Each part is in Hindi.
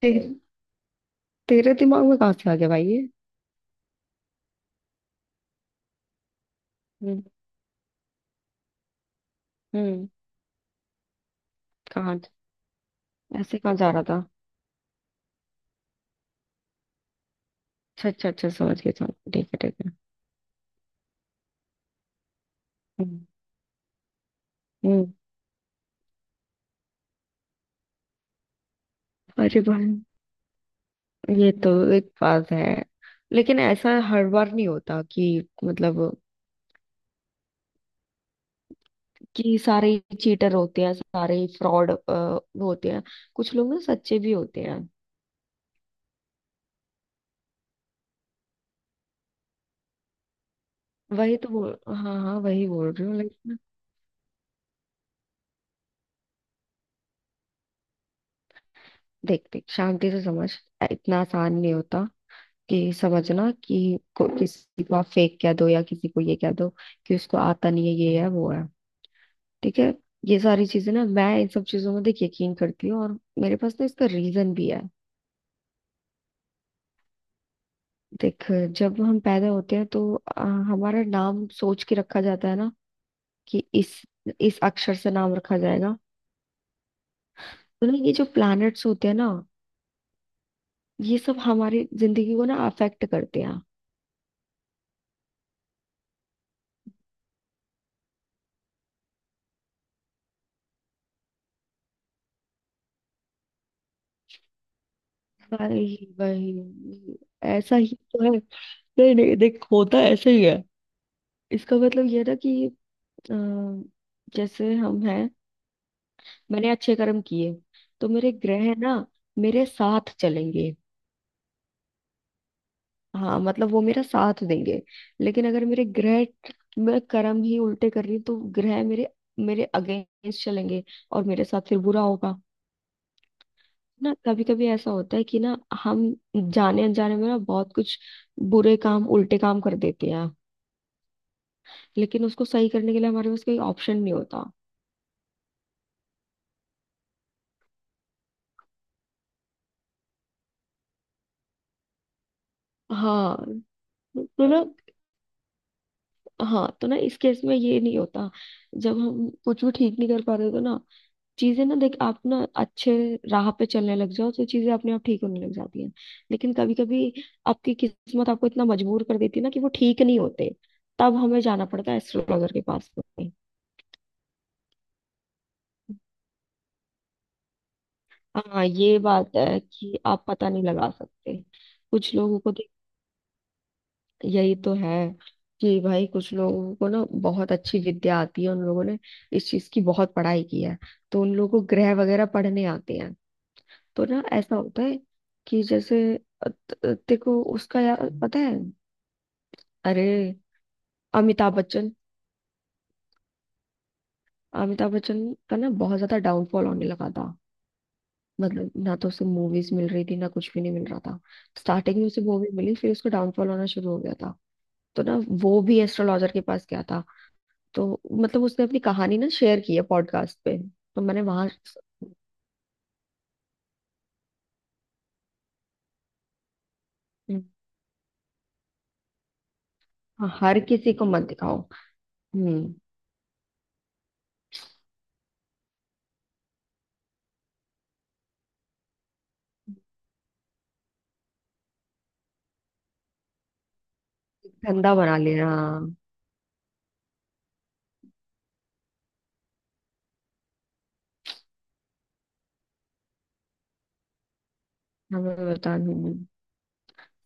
ते, तेरे दिमाग में कहाँ से आ गया भाई ये? हम्म। हम्म, कहाँ ऐसे कहाँ जा रहा था? अच्छा, अच्छा, अच्छा, समझ गया, समझ गया, ठीक है, ठीक है। हम्म, हम्म, अरे भाई, ये तो एक बात है, लेकिन ऐसा हर बार नहीं होता कि मतलब कि सारे ही चीटर होते हैं, सारे ही फ्रॉड होते हैं। कुछ लोग ना सच्चे भी होते हैं। वही तो बोल, हाँ हाँ वही बोल रही हूँ, लेकिन देख देख शांति से समझ, इतना आसान नहीं होता कि समझना कि किसी को आप फेक कह दो या किसी को ये कह दो कि उसको आता नहीं है, ये है वो है। ठीक है, ये सारी चीजें ना मैं इन सब चीजों में देख यकीन करती हूँ, और मेरे पास ना इसका रीजन भी है। देख, जब हम पैदा होते हैं तो हमारा नाम सोच के रखा जाता है ना कि इस अक्षर से नाम रखा जाएगा। तो ना ये जो प्लैनेट्स होते हैं ना, ये सब हमारी जिंदगी को ना अफेक्ट करते हैं। भाई भाई, ऐसा ही तो है। नहीं नहीं, देख होता ऐसा ही है। इसका मतलब यह था कि अ, जैसे हम हैं, मैंने अच्छे कर्म किए, तो मेरे ग्रह ना मेरे साथ चलेंगे, हाँ मतलब वो मेरा साथ देंगे। लेकिन अगर मेरे ग्रह, मैं कर्म ही उल्टे कर रही हूँ, तो ग्रह मेरे मेरे अगेंस्ट चलेंगे, और मेरे साथ फिर बुरा होगा। ना, कभी कभी ऐसा होता है कि ना, हम जाने अनजाने में ना बहुत कुछ बुरे काम, उल्टे काम कर देते हैं, लेकिन उसको सही करने के लिए हमारे पास कोई ऑप्शन नहीं होता। हाँ तो ना हाँ तो ना इस केस में ये नहीं होता। जब हम कुछ भी ठीक नहीं कर पा रहे तो ना, चीजें ना, देख, आप ना अच्छे राह पे चलने लग जाओ तो चीजें अपने आप ठीक होने लग जाती हैं। लेकिन कभी कभी आपकी किस्मत आपको इतना मजबूर कर देती है ना कि वो ठीक नहीं होते। तब हमें जाना पड़ता है एस्ट्रोलॉजर के पास में। हाँ, ये बात है कि आप पता नहीं लगा सकते। कुछ लोगों को तो, यही तो है कि भाई कुछ लोगों को ना बहुत अच्छी विद्या आती है। उन लोगों ने इस चीज की बहुत पढ़ाई की है, तो उन लोगों को ग्रह वगैरह पढ़ने आते हैं। तो ना ऐसा होता है कि जैसे देखो उसका यार पता है? अरे, अमिताभ बच्चन। अमिताभ बच्चन का ना बहुत ज्यादा डाउनफॉल होने लगा था। मतलब ना तो उसे मूवीज मिल रही थी, ना कुछ भी नहीं मिल रहा था। स्टार्टिंग में उसे मूवी मिली, फिर उसका डाउनफॉल होना शुरू हो गया था। तो ना वो भी एस्ट्रोलॉजर के पास गया था। तो मतलब उसने अपनी कहानी ना शेयर की है पॉडकास्ट पे, तो मैंने वहां। हर किसी को मत दिखाओ। हम्म। धंधा बना लेना। हमें बता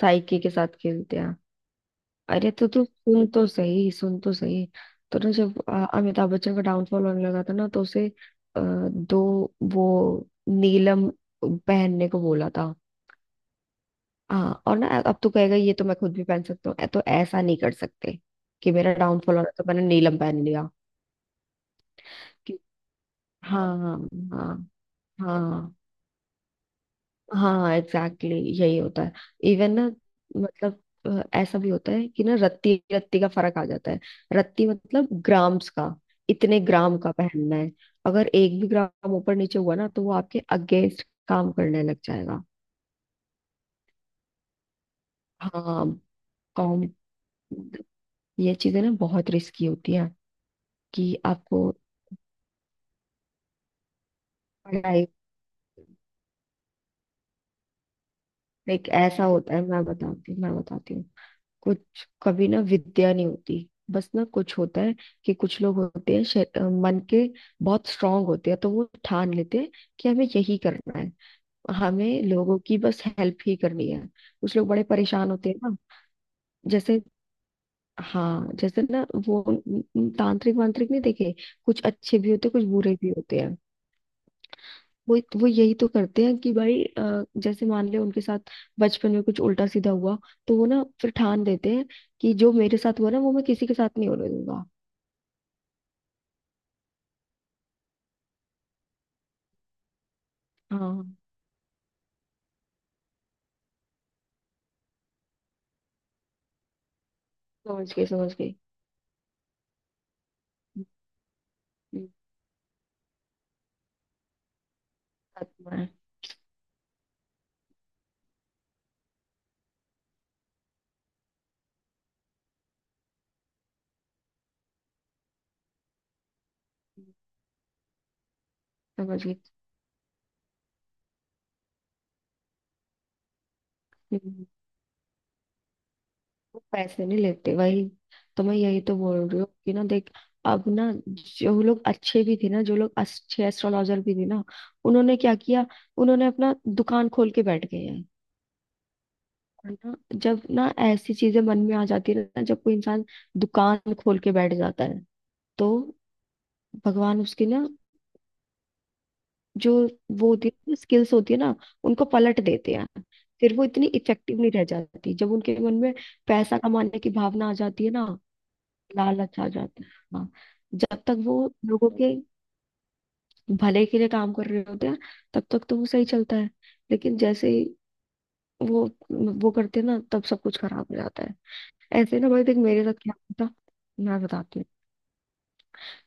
साइकी के साथ खेलते हैं। अरे तो तू सुन तो सही, सुन तो सही। तो ना, जब अमिताभ बच्चन का डाउनफॉल होने लगा था ना, तो उसे अ, दो वो नीलम पहनने को बोला था। हाँ, और ना अब तो कहेगा ये तो मैं खुद भी पहन सकता हूँ। तो ऐसा नहीं कर सकते कि मेरा डाउनफॉल हो रहा है, तो मैंने नीलम पहन लिया। हाँ, हाँ, हाँ, हाँ एग्जैक्टली, यही होता है। इवन ना, मतलब ऐसा भी होता है कि ना रत्ती रत्ती का फर्क आ जाता है। रत्ती मतलब ग्राम्स का, इतने ग्राम का पहनना है। अगर एक भी ग्राम ऊपर नीचे हुआ ना, तो वो आपके अगेंस्ट काम करने लग जाएगा। हाँ। कॉम ये चीजें ना बहुत रिस्की होती है कि आपको। पढ़ाई, एक ऐसा होता है, मैं बताती हूँ, मैं बताती हूँ। कुछ कभी ना विद्या नहीं होती, बस ना कुछ होता है कि कुछ लोग होते हैं मन के बहुत स्ट्रांग होते हैं, तो वो ठान लेते हैं कि हमें यही करना है, हमें लोगों की बस हेल्प ही करनी है। कुछ लोग बड़े परेशान होते हैं ना, जैसे, हाँ, जैसे ना वो तांत्रिक वांत्रिक नहीं देखे? कुछ अच्छे भी होते हैं, कुछ बुरे भी होते हैं। वो यही तो करते हैं कि भाई जैसे मान ले उनके साथ बचपन में कुछ उल्टा सीधा हुआ, तो वो ना फिर ठान देते हैं कि जो मेरे साथ हुआ ना, वो मैं किसी के साथ नहीं होने दूंगा। हाँ, समझ गई, समझ गई। हम्म, हम्म, बात में है। समझ गई। हम्म, वो पैसे नहीं लेते, वही तो मैं यही तो बोल रही हूँ कि ना, देख, अब ना जो लोग अच्छे भी थे ना, जो लोग अच्छे एस्ट्रोलॉजर भी थे ना, उन्होंने क्या किया, उन्होंने अपना दुकान खोल के बैठ गए हैं। है ना, जब ना ऐसी चीजें मन में आ जाती है ना, जब कोई इंसान दुकान खोल के बैठ जाता है, तो भगवान उसकी ना, जो वो होती है, स्किल्स होती है ना, उनको पलट देते हैं। फिर वो इतनी इफेक्टिव नहीं रह जाती, जब उनके मन में पैसा कमाने की भावना आ जाती है ना, लालच आ जाता है, हाँ। जब तक वो लोगों के भले के लिए काम कर रहे होते हैं, तब तक तो वो सही चलता है। लेकिन जैसे ही वो वो करते हैं ना, तब सब कुछ खराब हो जाता है। ऐसे ना भाई, देख मेरे साथ क्या हुआ था, मैं बताती हूँ।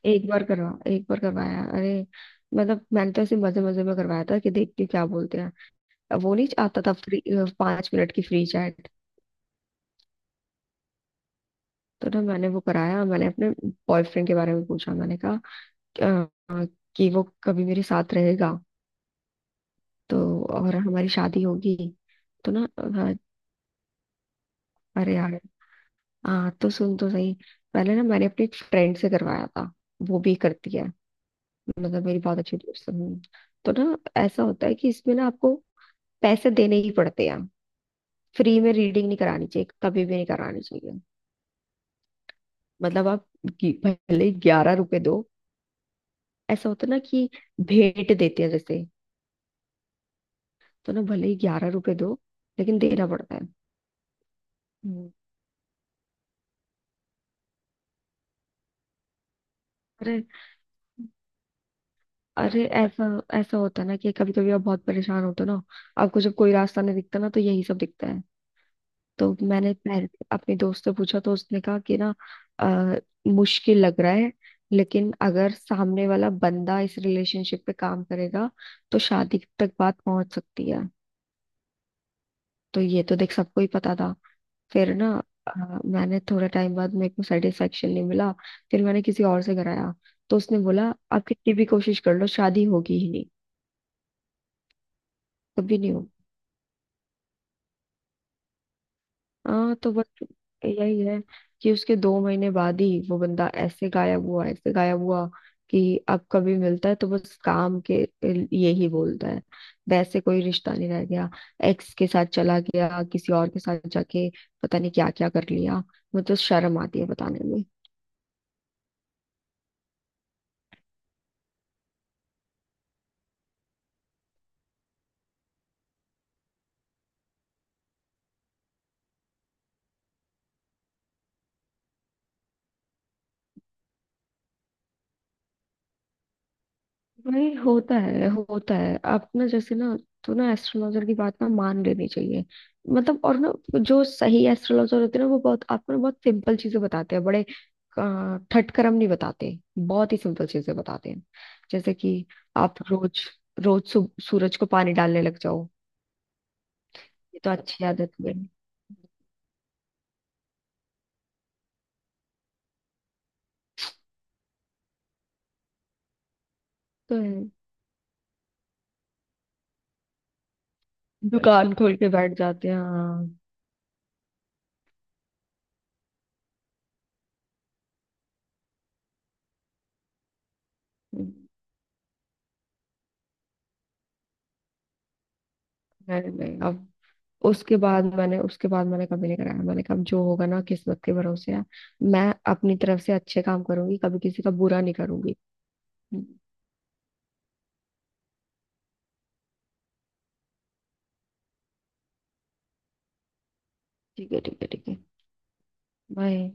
एक बार करवाया, अरे मतलब मैंने तो ऐसे मजे मजे में करवाया था कि देखती हूँ क्या बोलते हैं। अब वो नहीं आता था फ्री, 5 मिनट की फ्री चैट। तो ना मैंने वो कराया, मैंने अपने बॉयफ्रेंड के बारे में पूछा, मैंने कहा "अ, कि वो कभी मेरे साथ रहेगा तो, और हमारी शादी होगी? तो ना अरे यार, हाँ तो सुन तो सही, पहले ना मैंने अपनी फ्रेंड से करवाया था, वो भी करती है, मतलब मेरी बहुत अच्छी दोस्त है। हम्म। तो ना ऐसा होता है कि इसमें ना आपको पैसे देने ही पड़ते हैं, फ्री में रीडिंग नहीं करानी चाहिए, कभी भी नहीं करानी चाहिए। मतलब आप भले ही 11 रुपए दो, ऐसा होता है ना कि भेंट देते हैं जैसे, तो ना भले ही ग्यारह रुपए दो, लेकिन देना पड़ता है। हम्म। अरे, अरे, ऐसा ऐसा होता है ना कि कभी कभी आप बहुत परेशान होते हो ना, आपको जब कोई रास्ता नहीं दिखता ना, तो यही सब दिखता है। तो मैंने पहले अपने दोस्त से पूछा, तो उसने कहा कि ना, आ, मुश्किल लग रहा है, लेकिन अगर सामने वाला बंदा इस रिलेशनशिप पे काम करेगा, तो शादी तक बात पहुंच सकती है। तो ये तो देख सबको ही पता था। फिर ना, मैंने थोड़ा टाइम बाद मेरे को सेटिस्फेक्शन नहीं मिला, फिर मैंने किसी और से कराया, तो उसने बोला आप कितनी भी कोशिश कर लो, शादी होगी ही नहीं, कभी नहीं। हाँ तो बस, यही है कि उसके 2 महीने बाद ही वो बंदा ऐसे गायब हुआ, ऐसे गायब हुआ कि अब कभी मिलता है तो बस काम के, यही बोलता है, वैसे कोई रिश्ता नहीं रह गया। एक्स के साथ चला गया, किसी और के साथ जाके पता नहीं क्या क्या कर लिया, मुझे तो शर्म आती है बताने। वही होता है, होता है, आप ना, जैसे ना, तो ना एस्ट्रोलॉजर की बात ना मान लेनी चाहिए। मतलब, और ना जो सही एस्ट्रोलॉजर होते हैं ना, वो बहुत आपको ना बहुत सिंपल चीजें बताते हैं, बड़े ठटकरम नहीं बताते, बहुत ही सिंपल चीजें बताते हैं। जैसे कि आप रोज रोज सूरज को पानी डालने लग जाओ। ये तो अच्छी आदत बनी, तो है। दुकान खोल के बैठ जाते हैं, हाँ। नहीं नहीं, अब उसके बाद मैंने कभी नहीं कराया, मैंने कहा अब जो होगा ना किस्मत के भरोसे है, मैं अपनी तरफ से अच्छे काम करूंगी, कभी किसी का बुरा नहीं करूंगी। ठीक है, ठीक है, ठीक है, बाय।